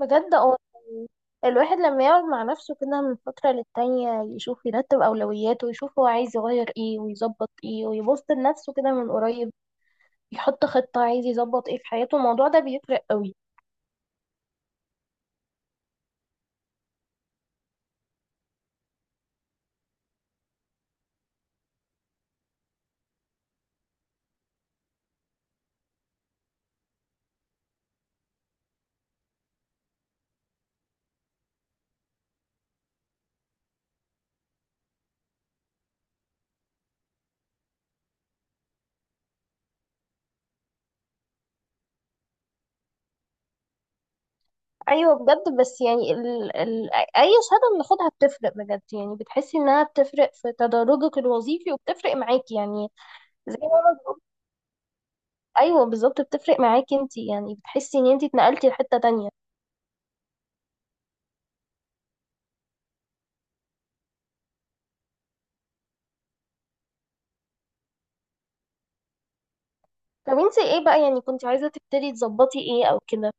بجد اه. الواحد لما يقعد مع نفسه كده من فترة للتانية يشوف يرتب أولوياته ويشوف هو عايز يغير ايه ويظبط ايه ويبص لنفسه كده من قريب، يحط خطة عايز يظبط ايه في حياته. الموضوع ده بيفرق قوي. أيوة بجد، بس يعني أي شهادة بناخدها بتفرق بجد، يعني بتحسي إنها بتفرق في تدرجك الوظيفي وبتفرق معاكي يعني. زي ما أنا بقول، أيوة بالظبط بتفرق معاكي انتي، يعني بتحسي إن انتي اتنقلتي لحتة تانية. طب انتي ايه بقى يعني، كنت عايزة تبتدي تظبطي ايه أو كده؟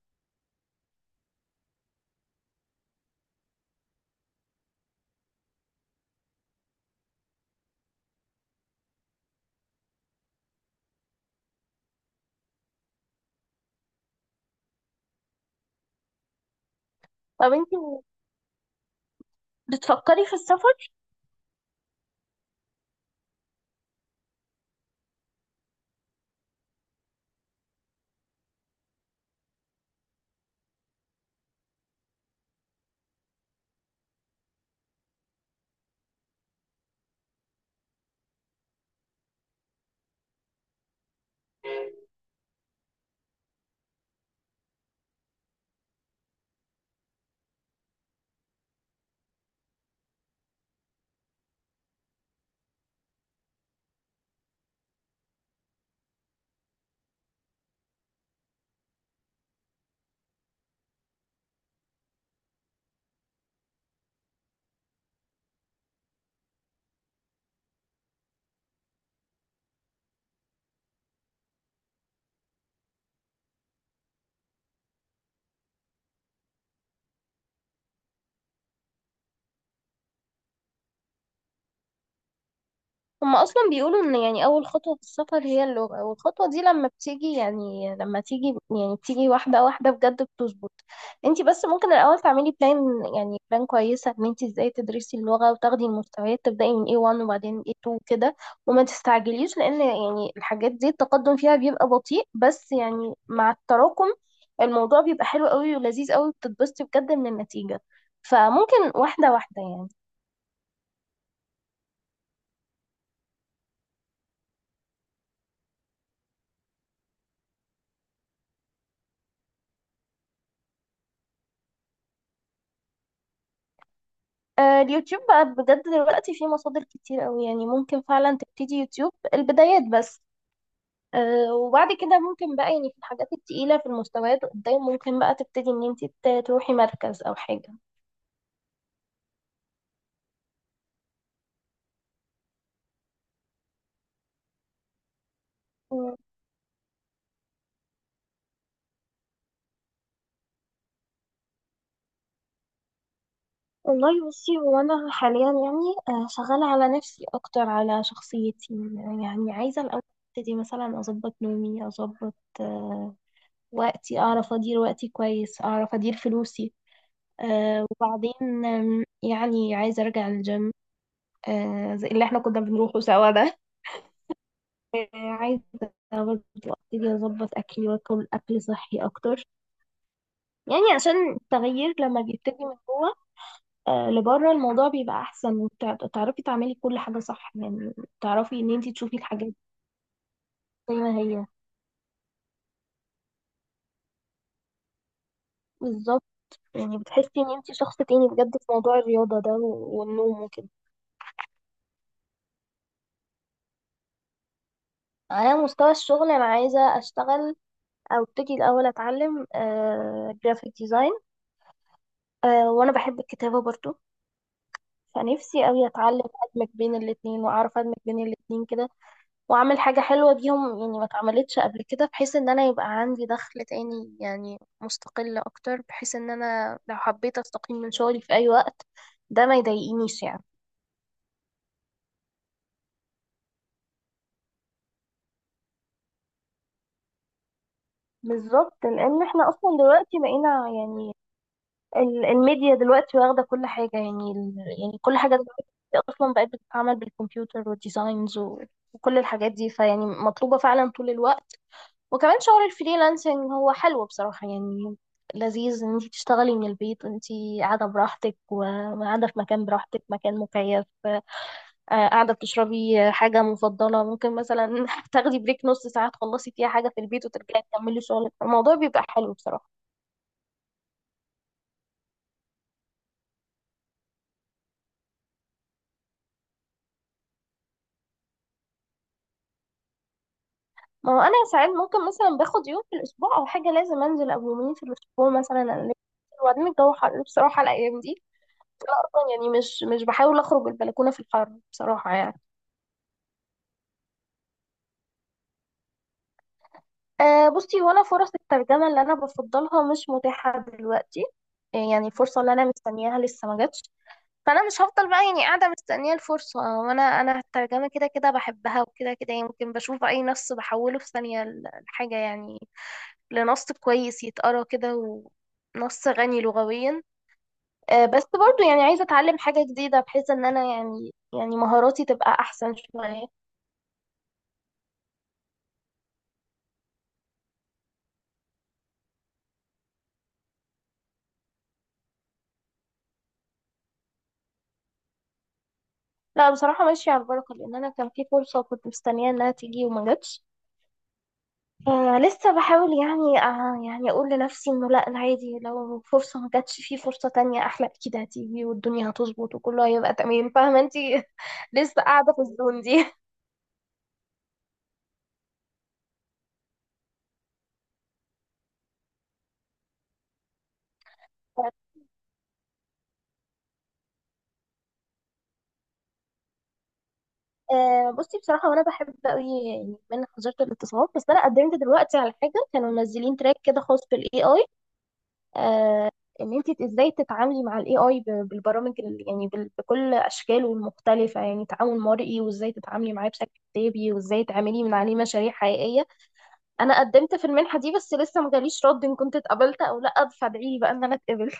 طب انتي بتفكري في السفر؟ هما اصلا بيقولوا ان يعني اول خطوه في السفر هي اللغه، والخطوه دي لما بتيجي يعني لما تيجي يعني بتيجي واحده واحده بجد بتظبط. انت بس ممكن الاول تعملي بلان، يعني بلان كويسه ان انت ازاي تدرسي اللغه وتاخدي المستويات، تبداي من A1 وبعدين A2 كده. وما تستعجليش، لان يعني الحاجات دي التقدم فيها بيبقى بطيء، بس يعني مع التراكم الموضوع بيبقى حلو قوي ولذيذ قوي، بتتبسطي بجد من النتيجه. فممكن واحده واحده يعني. اليوتيوب بقى بجد دلوقتي فيه مصادر كتير قوي، يعني ممكن فعلا تبتدي يوتيوب البدايات بس. وبعد كده ممكن بقى يعني في الحاجات التقيلة في المستويات قدام ممكن بقى تبتدي ان انت تروحي مركز او حاجة. مم. والله بصي، هو أنا حاليا يعني شغالة على نفسي أكتر، على شخصيتي. يعني عايزة الأول أبتدي مثلا أظبط نومي، أظبط آه، وقتي، أعرف أدير وقتي كويس، أعرف أدير فلوسي. وبعدين يعني عايزة أرجع الجيم، زي اللي احنا كنا بنروحه سوا ده. عايزة برضه ابتدي اظبط اكلي، واكل اكل صحي اكتر. يعني عشان التغيير لما بيبتدي من جوه لبره الموضوع بيبقى احسن، وتعرفي تعملي كل حاجة صح يعني، تعرفي ان انتي تشوفي الحاجات زي ما هي بالظبط. يعني بتحسي ان انتي شخص تاني بجد في موضوع الرياضة ده والنوم وكده. على مستوى الشغل انا عايزة اشتغل، او ابتدي الاول اتعلم جرافيك ديزاين. وانا بحب الكتابة برضو، فنفسي قوي اتعلم ادمج بين الاتنين، واعرف ادمج بين الاتنين كده، واعمل حاجة حلوة بيهم يعني ما اتعملتش قبل كده، بحيث ان انا يبقى عندي دخل تاني يعني مستقل اكتر، بحيث ان انا لو حبيت استقيل من شغلي في اي وقت ده ما يضايقنيش يعني. بالظبط، لان احنا اصلا دلوقتي بقينا يعني الميديا دلوقتي واخده كل حاجه يعني، كل حاجه دلوقتي اصلا بقت بتتعمل بالكمبيوتر والديزاينز وكل الحاجات دي. فيعني مطلوبه فعلا طول الوقت. وكمان شغل الفريلانسنج هو حلو بصراحة يعني، لذيذ ان انت تشتغلي من البيت، انت قاعدة براحتك، وقاعدة في مكان براحتك، مكان مكيف. قاعدة بتشربي حاجة مفضلة، ممكن مثلا تاخدي بريك نص ساعة تخلصي فيها حاجة في البيت وترجعي تكملي شغلك. الموضوع بيبقى حلو بصراحة. ما هو انا ساعات ممكن مثلا باخد يوم في الاسبوع او حاجة لازم انزل، او يومين في الاسبوع مثلا ألف. وبعدين الجو حر بصراحة الايام دي، أصلاً يعني مش بحاول اخرج البلكونة في الحر بصراحة يعني. أه بصي، هو انا فرص الترجمة اللي أنا بفضلها مش متاحة دلوقتي. إيه، يعني الفرصة اللي أنا مستنياها لسه ما جاتش. فأنا مش هفضل بقى يعني قاعدة مستنية الفرصة، وأنا أنا الترجمة كده كده بحبها، وكده كده يمكن بشوف أي نص بحوله في ثانية الحاجة يعني، لنص كويس يتقرا كده ونص غني لغويا. أه، بس برضو يعني عايزة أتعلم حاجة جديدة، بحيث إن أنا يعني مهاراتي تبقى أحسن شوية. لا بصراحة ماشية على البركة، لأن أنا كان في فرصة كنت مستنية إنها تيجي وما جاتش. آه لسه بحاول يعني، آه يعني أقول لنفسي إنه لأ عادي، لو فرصة ما جاتش في فرصة تانية أحلى أكيد هتيجي، والدنيا هتظبط وكله هيبقى تمام. فاهمة أنتي؟ لسه قاعدة في الزون دي. آه بصي بصراحة وأنا بحب أوي يعني من وزارة الاتصالات، بس أنا قدمت دلوقتي على حاجة كانوا منزلين تراك كده خاص بالاي اي. آه، إن أنت إزاي تتعاملي مع الاي اي بالبرامج بكل أشكاله المختلفة، يعني تعامل مرئي، وإزاي تتعاملي معاه بشكل كتابي، وإزاي تعملي من عليه مشاريع حقيقية. انا قدمت في المنحه دي، بس لسه ما جاليش رد ان كنت اتقبلت او لا، فادعي لي بقى ان انا اتقبل.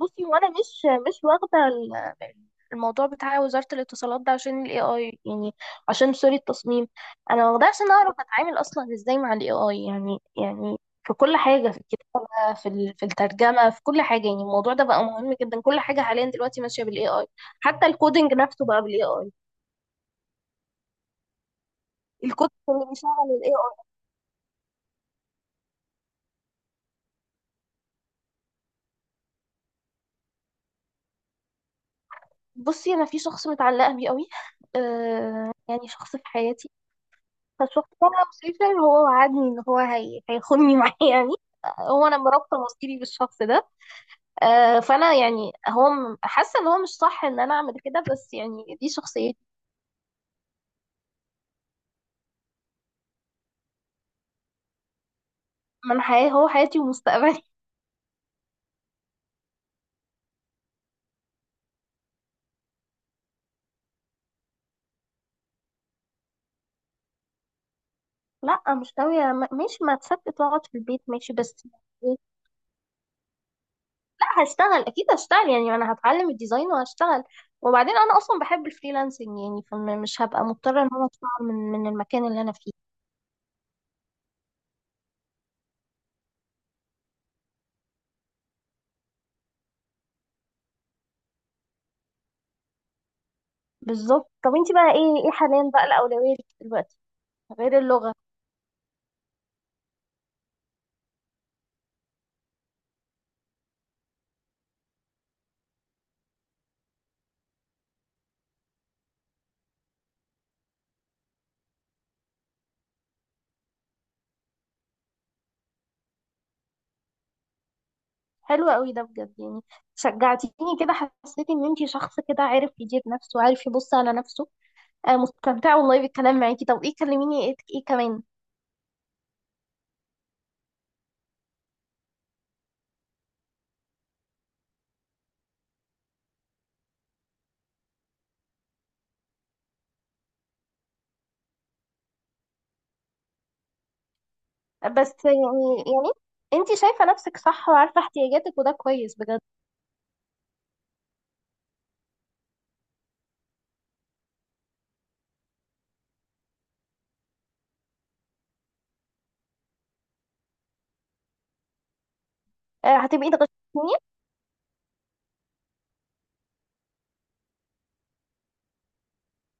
بصي، وانا مش واخده الموضوع بتاع وزاره الاتصالات ده عشان الاي اي يعني، عشان سوري التصميم. انا واخداه عشان اعرف اتعامل اصلا ازاي مع الاي اي يعني. في كل حاجه، في الكتابه، في في الترجمه، في كل حاجه يعني الموضوع ده بقى مهم جدا. كل حاجه حاليا دلوقتي ماشيه بالاي اي، حتى الكودينج نفسه بقى بالاي اي، الكود اللي بيشغل الاي. بصي انا في شخص متعلقه بيه قوي، آه يعني شخص في حياتي. فالشخص ده انا مسافر، هو وعدني ان هو هيخوني معاه يعني. هو انا مرابطه مصيري بالشخص ده. آه فانا يعني، هو حاسه ان هو مش صح ان انا اعمل كده، بس يعني دي شخصيتي. من حياه، هو حياتي ومستقبلي. لا مش ناويه، ماشي ما تصدق تقعد في البيت ماشي بس. لا، هشتغل اكيد هشتغل، يعني انا هتعلم الديزاين وهشتغل. وبعدين انا اصلا بحب الفريلانسنج يعني، فمش هبقى مضطره ان انا اشتغل من المكان اللي انا فيه. بالظبط. طب انت بقى، ايه حاليا بقى الاولويه ليكي دلوقتي غير اللغه؟ حلو قوي ده بجد يعني، شجعتيني كده، حسيت ان انت شخص كده عارف يدير نفسه وعارف يبص على نفسه. آه مستمتعه والله بالكلام معاكي. طب ايه، كلميني ايه, إيه كمان؟ بس يعني انت شايفه نفسك صح وعارفه احتياجاتك وده كويس بجد. آه هتبقي تغششيني.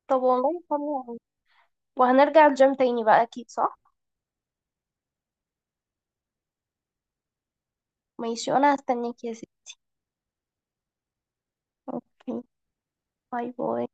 طب والله حلو. وهنرجع الجيم تاني بقى أكيد صح؟ ماشي وأنا هستناك يا ستي. اوكي. باي باي.